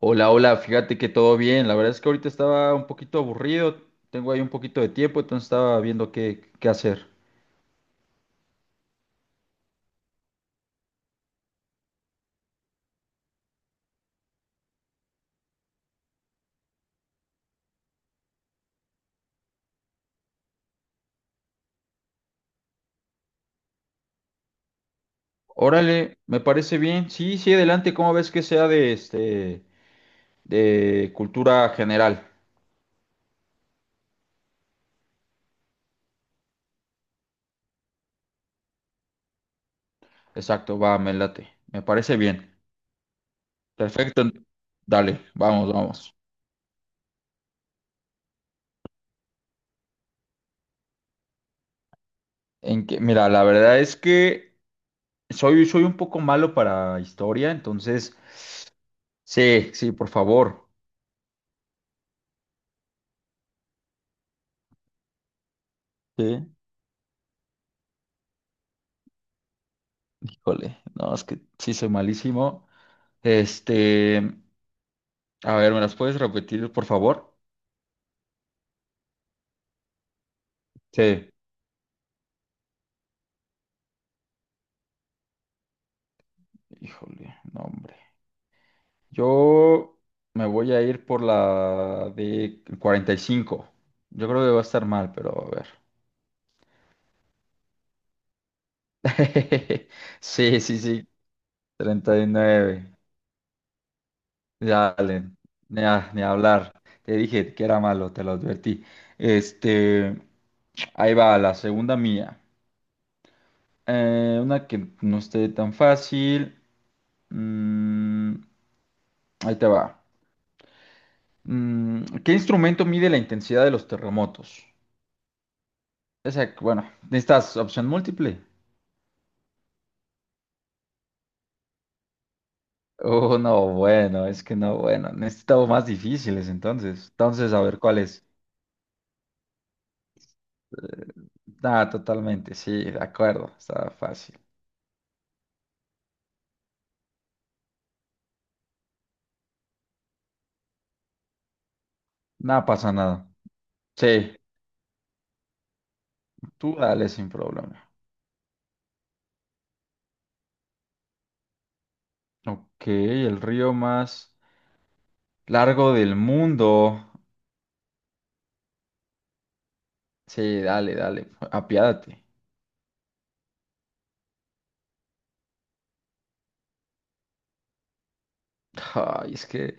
Hola, hola, fíjate que todo bien. La verdad es que ahorita estaba un poquito aburrido, tengo ahí un poquito de tiempo, entonces estaba viendo qué hacer. Órale, me parece bien. Sí, sí, adelante, ¿cómo ves que sea de cultura general? Exacto, va, me late. Me parece bien. Perfecto. Dale, vamos, vamos. En que, mira, la verdad es que soy un poco malo para historia, entonces, sí, sí, por favor. Sí, híjole, no, es que sí soy malísimo. Este, a ver, ¿me las puedes repetir, por favor? Sí. Híjole, no, hombre. Yo me voy a ir por la de 45. Yo creo que va a estar mal, pero a ver. Sí, sí, sí. 39. Dale. Ni, ni hablar. Te dije que era malo, te lo advertí. Este, ahí va, la segunda mía. Una que no esté tan fácil. Mm, ahí te va. ¿Qué instrumento mide la intensidad de los terremotos? Esa, bueno, ¿necesitas opción múltiple? Oh, no, bueno, es que no, bueno, necesitamos más difíciles entonces. Entonces, a ver cuál es. Eh, Nada totalmente, sí, de acuerdo, está fácil. Nada pasa nada. Sí, tú dale sin problema. Ok, el río más largo del mundo. Sí, dale, dale, apiádate. Ay, es que,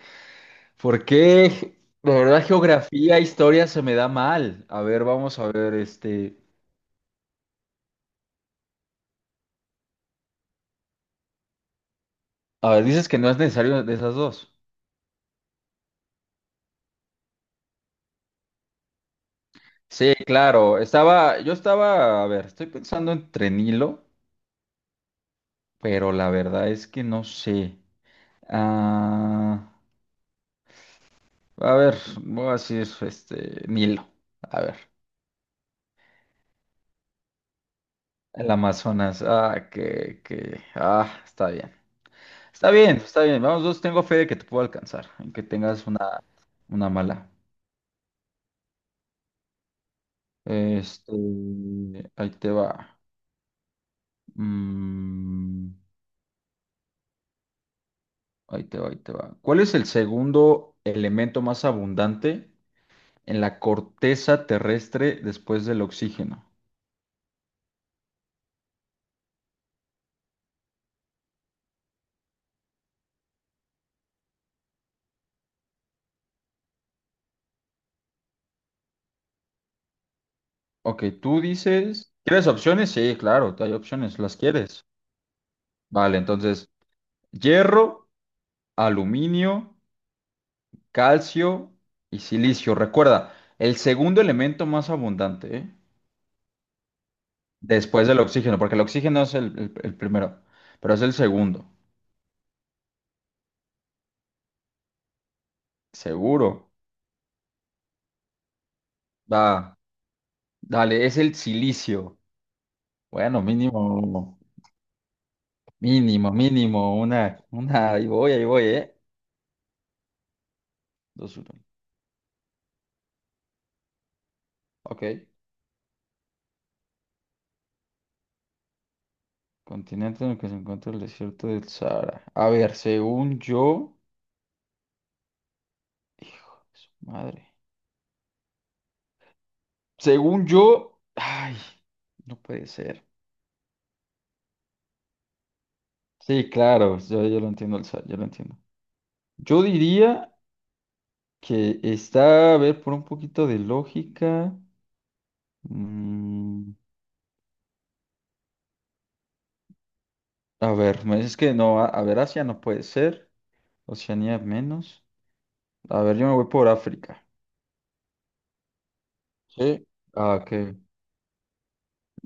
¿por qué? De verdad, geografía, historia se me da mal. A ver, vamos a ver, este. A ver, dices que no es necesario de esas dos. Sí, claro. Yo estaba, a ver, estoy pensando entre Nilo, pero la verdad es que no sé. Ah, a ver, voy a decir, Nilo. A ver, el Amazonas. Ah, que, ah, está bien. Está bien, está bien. Vamos, dos, tengo fe de que te puedo alcanzar, en que tengas una mala. Este, ahí te va. Mm, ahí te va, ahí te va. ¿Cuál es el segundo elemento más abundante en la corteza terrestre después del oxígeno? Ok, tú dices, ¿quieres opciones? Sí, claro, hay opciones, las quieres. Vale, entonces, hierro, aluminio, calcio y silicio. Recuerda, el segundo elemento más abundante, ¿eh? Después del oxígeno, porque el oxígeno es el primero, pero es el segundo. Seguro. Va, dale, es el silicio. Bueno, mínimo, mínimo, mínimo, una, ahí voy, ¿eh? Dos, uno. Ok. Continente en el que se encuentra el desierto del Sahara. A ver, según yo, hijo de su madre. Según yo, ay, no puede ser. Sí, claro, yo lo entiendo, el Sahara, yo lo entiendo. Yo diría que está, a ver, por un poquito de lógica. mm, A ver, me dices que no, a ver, Asia no puede ser, Oceanía menos. A ver, yo me voy por África. Sí. Ah, ok.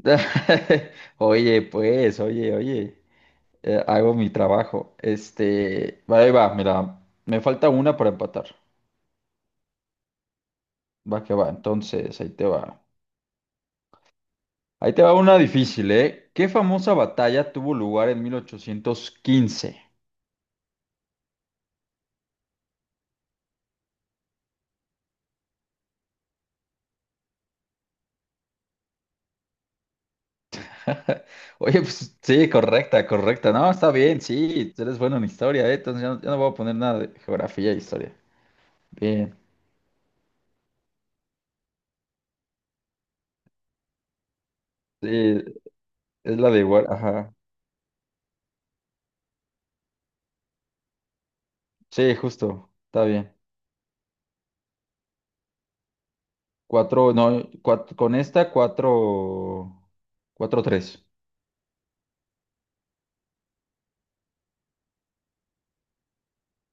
Oye, pues, oye, oye, hago mi trabajo. Va, ahí va, mira, me falta una para empatar. Va que va, entonces, ahí te va. Ahí te va una difícil, ¿eh? ¿Qué famosa batalla tuvo lugar en 1815? Oye, pues sí, correcta, correcta. No, está bien, sí, eres bueno en historia, ¿eh? Entonces yo no voy a poner nada de geografía e historia. Bien, sí, es la de igual, ajá. Sí, justo, está bien. Cuatro, no, con esta, cuatro, cuatro, tres.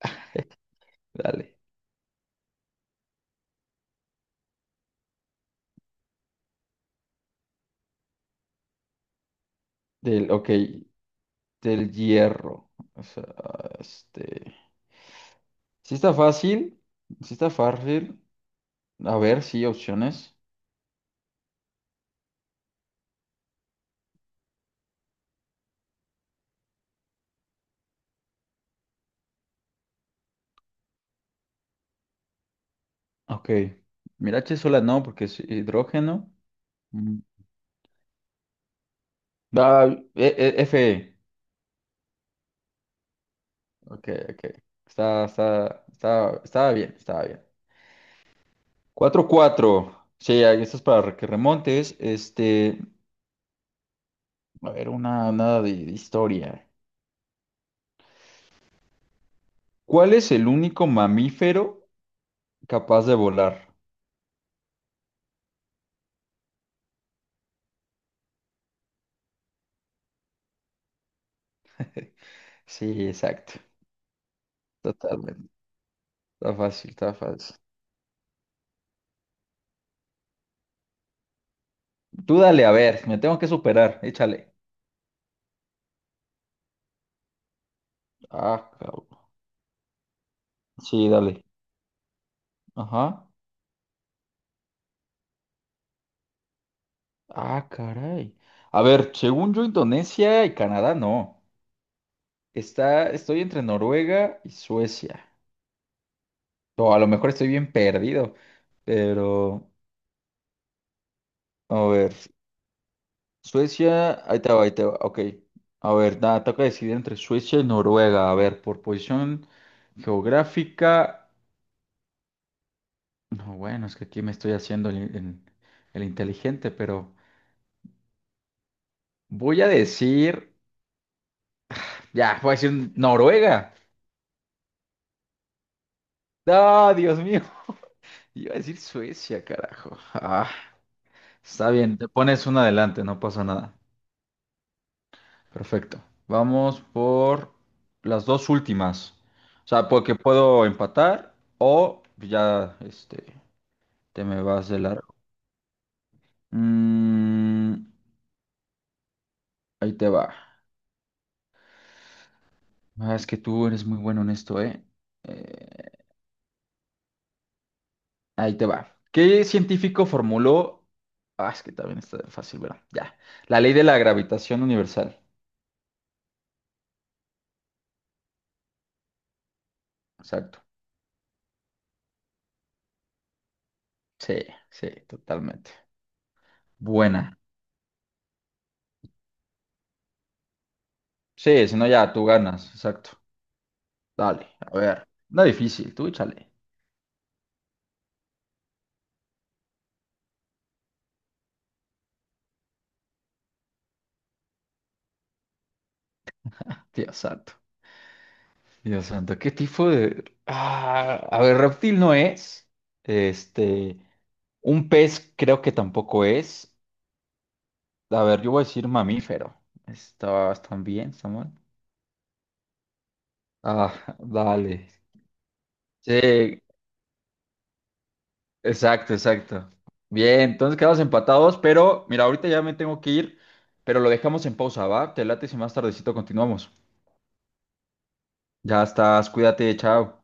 Dale. Ok, del hierro. O sea, este. Sí está fácil, sí está fácil. A ver, sí, opciones. Ok. Mirache sola no, porque es hidrógeno. Mm. Ah, Fe. Ok, ok. Estaba bien, estaba bien. Cuatro cuatro, sí, ahí esto es para que remontes. A ver, una, nada de historia. ¿Cuál es el único mamífero capaz de volar? Sí, exacto. Totalmente. Está fácil, está fácil. Tú dale, a ver, me tengo que superar. Échale. Ah, cabrón. Sí, dale. Ajá. Ah, caray. A ver, según yo, Indonesia y Canadá no. Estoy entre Noruega y Suecia. O a lo mejor estoy bien perdido. Pero, a ver. Suecia, ahí te va, ahí te va. Ok. A ver, nada, toca decidir entre Suecia y Noruega. A ver, por posición geográfica. No, bueno, es que aquí me estoy haciendo el inteligente, pero voy a decir. Ya, voy a decir Noruega. ¡Ah, Dios mío! Iba a decir Suecia, carajo. Ah, está bien, te pones una adelante, no pasa nada. Perfecto. Vamos por las dos últimas. O sea, porque puedo empatar o ya te me vas de largo. Mm, ahí te va. Ah, es que tú eres muy bueno en esto, ¿eh? Eh, ahí te va. ¿Qué científico formuló? Ah, es que también está fácil, ¿verdad? Ya. La ley de la gravitación universal. Exacto. Sí, sí, totalmente. Buena. Sí, si no ya tú ganas. Exacto. Dale, a ver. No difícil, tú échale. Dios santo, Dios santo, ¿qué tipo de? Ah, a ver, reptil no es. Este, un pez creo que tampoco es. A ver, yo voy a decir mamífero. Están bien, Samuel. Ah, dale. Sí, exacto, exacto. Bien, entonces quedamos empatados, pero mira, ahorita ya me tengo que ir, pero lo dejamos en pausa, ¿va? Te late si más tardecito continuamos. Ya estás, cuídate, chao.